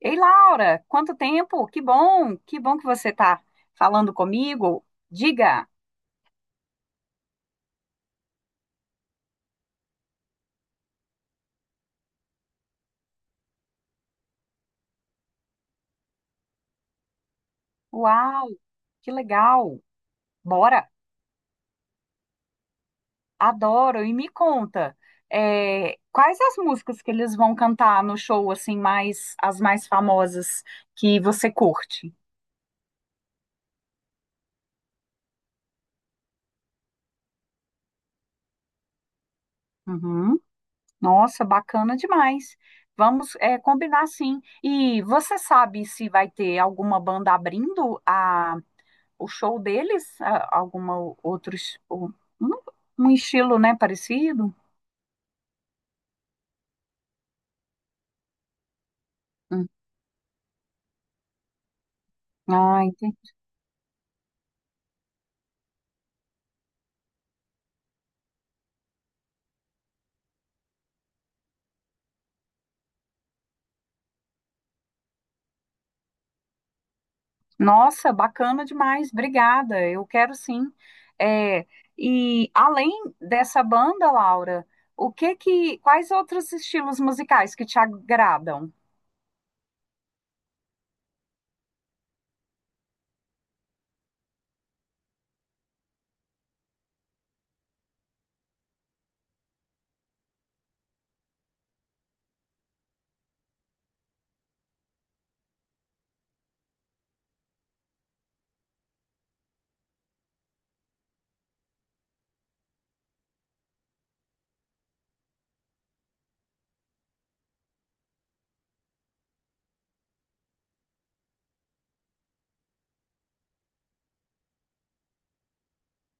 Ei, Laura, quanto tempo? Que bom, que bom que você está falando comigo. Diga, uau, que legal. Bora, adoro. E me conta, quais as músicas que eles vão cantar no show, assim, mais as mais famosas que você curte? Uhum. Nossa, bacana demais. Vamos, combinar sim. E você sabe se vai ter alguma banda abrindo a o show deles, a- alguma o- outros, o- um, um estilo, né, parecido? Hum. Ah, entendi. Nossa, bacana demais, obrigada. Eu quero sim. É, e além dessa banda, Laura, quais outros estilos musicais que te agradam?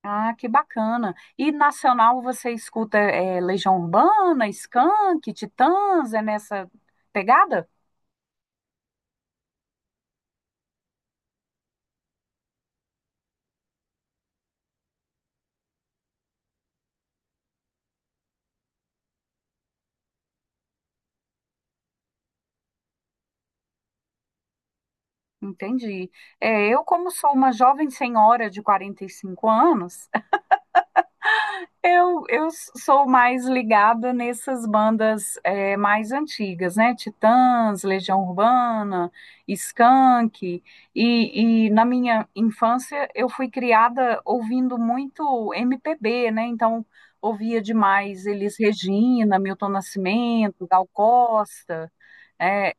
Ah, que bacana. E nacional você escuta Legião Urbana, Skank, Titãs, é nessa pegada? Entendi. É, como sou uma jovem senhora de 45 anos, eu sou mais ligada nessas bandas mais antigas, né? Titãs, Legião Urbana, Skank. E na minha infância eu fui criada ouvindo muito MPB, né? Então ouvia demais Elis Regina, Milton Nascimento, Gal Costa. é,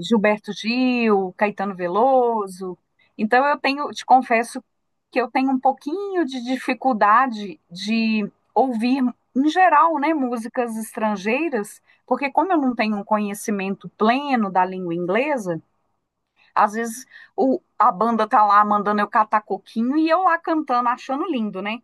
Gilberto Gil, Caetano Veloso. Então eu tenho, te confesso que eu tenho um pouquinho de dificuldade de ouvir em geral, né, músicas estrangeiras, porque como eu não tenho um conhecimento pleno da língua inglesa, às vezes a banda tá lá mandando eu catar coquinho e eu lá cantando, achando lindo, né?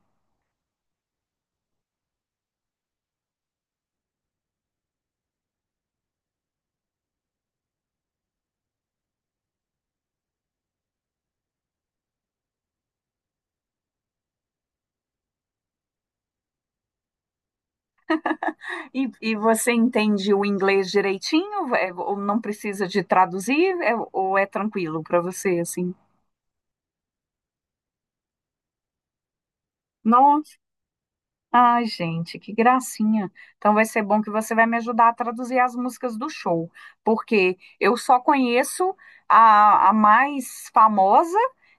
E você entende o inglês direitinho? É, ou não precisa de traduzir? É, ou é tranquilo para você, assim? Não. Ai, gente, que gracinha. Então vai ser bom que você vai me ajudar a traduzir as músicas do show, porque eu só conheço a mais famosa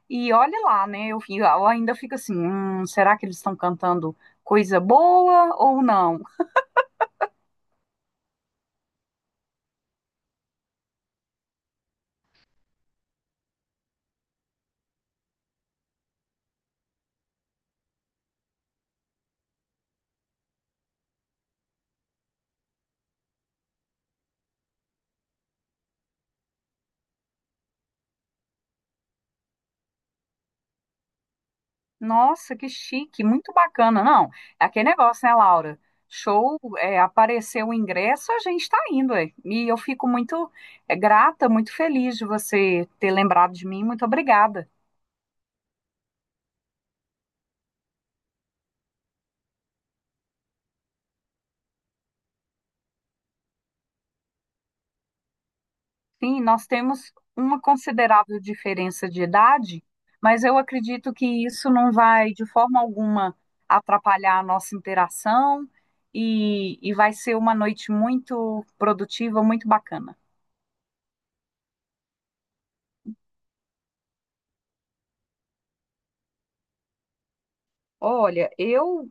e olhe lá, né? Eu ainda fico assim, será que eles estão cantando coisa boa ou não? Nossa, que chique, muito bacana. Não, é aquele negócio, né, Laura? Show, é, apareceu o ingresso, a gente tá indo, é. E eu fico muito, é, grata, muito feliz de você ter lembrado de mim. Muito obrigada. Sim, nós temos uma considerável diferença de idade, mas eu acredito que isso não vai de forma alguma atrapalhar a nossa interação e vai ser uma noite muito produtiva, muito bacana. Olha, eu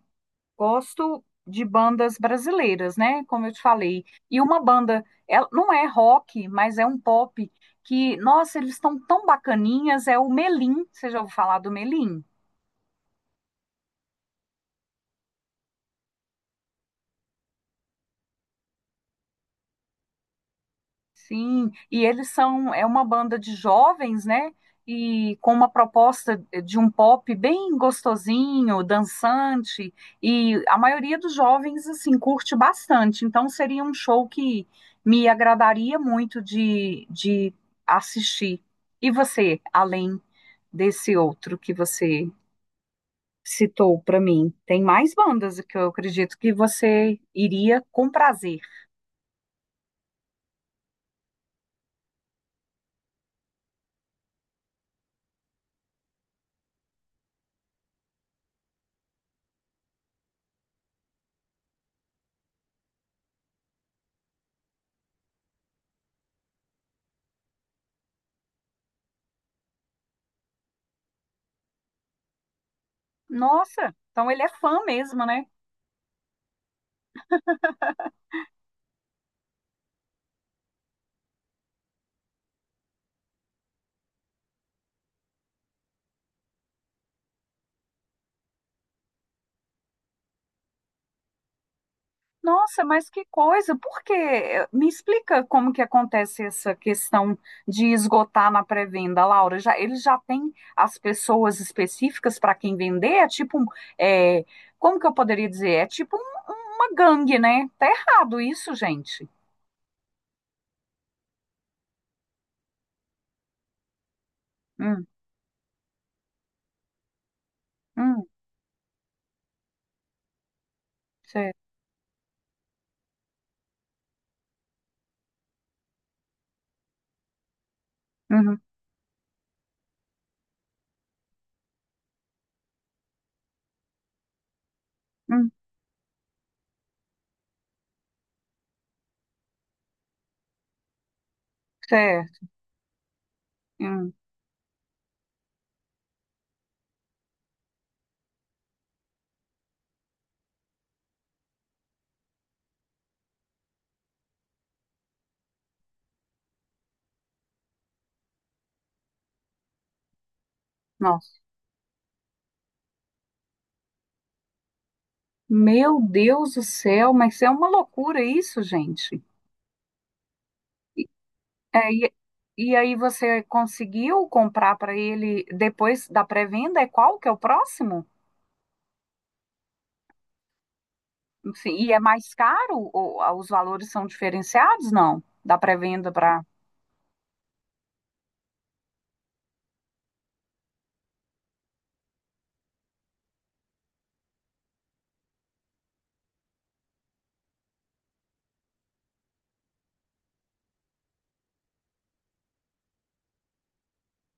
gosto de bandas brasileiras, né? Como eu te falei. E uma banda, ela não é rock, mas é um pop que, nossa, eles estão tão bacaninhas, é o Melim. Você já ouviu falar do Melim? Sim, e eles são, é uma banda de jovens, né? E com uma proposta de um pop bem gostosinho, dançante, e a maioria dos jovens, assim, curte bastante. Então, seria um show que me agradaria muito de assistir. E você, além desse outro que você citou para mim, tem mais bandas que eu acredito que você iria com prazer. Nossa, então ele é fã mesmo, né? Nossa, mas que coisa! Por quê? Me explica como que acontece essa questão de esgotar na pré-venda, Laura. Já, ele já têm as pessoas específicas para quem vender? É, Como que eu poderia dizer? É tipo uma gangue, né? Tá errado isso, gente. Hum, hum, certo. Uhum, hum, certo. Hum, nossa. Meu Deus do céu, mas é uma loucura isso, gente. É, e, e aí você conseguiu comprar para ele depois da pré-venda? É qual que é o próximo? Enfim, e é mais caro? Ou, os valores são diferenciados? Não, da pré-venda para.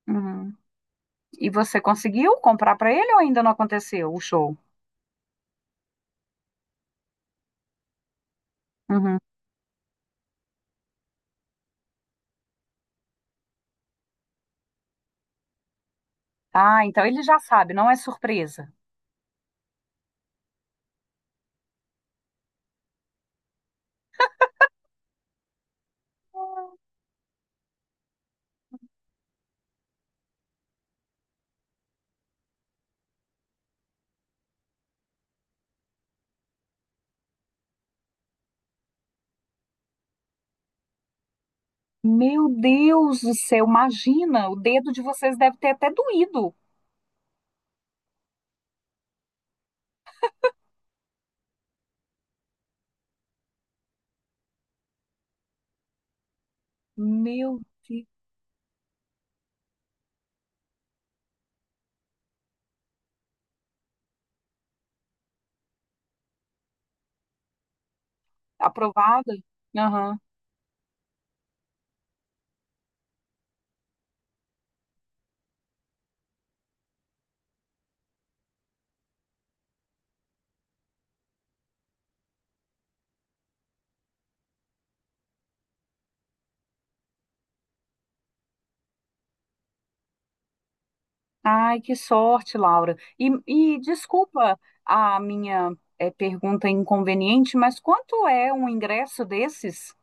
Uhum. E você conseguiu comprar para ele ou ainda não aconteceu o show? Uhum. Ah, então ele já sabe, não é surpresa. Meu Deus do céu, imagina, o dedo de vocês deve ter até doído. Meu Deus, aprovada? Aham. Ai, que sorte, Laura. E desculpa a minha pergunta inconveniente, mas quanto é um ingresso desses?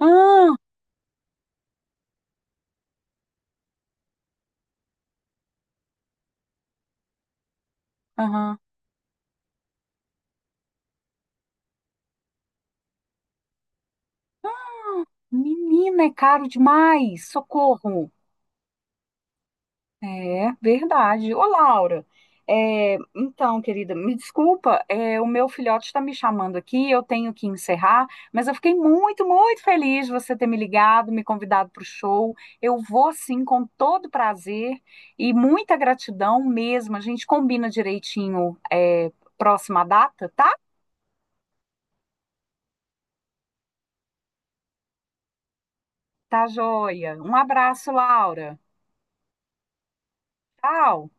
Ah, aham. Menina, é caro demais. Socorro. É verdade. Ô, Laura, é, então, querida, me desculpa, é, o meu filhote está me chamando aqui, eu tenho que encerrar, mas eu fiquei muito, muito feliz de você ter me ligado, me convidado para o show. Eu vou sim, com todo prazer e muita gratidão mesmo. A gente combina direitinho, é, próxima data, tá? Tá joia. Um abraço, Laura. Tchau.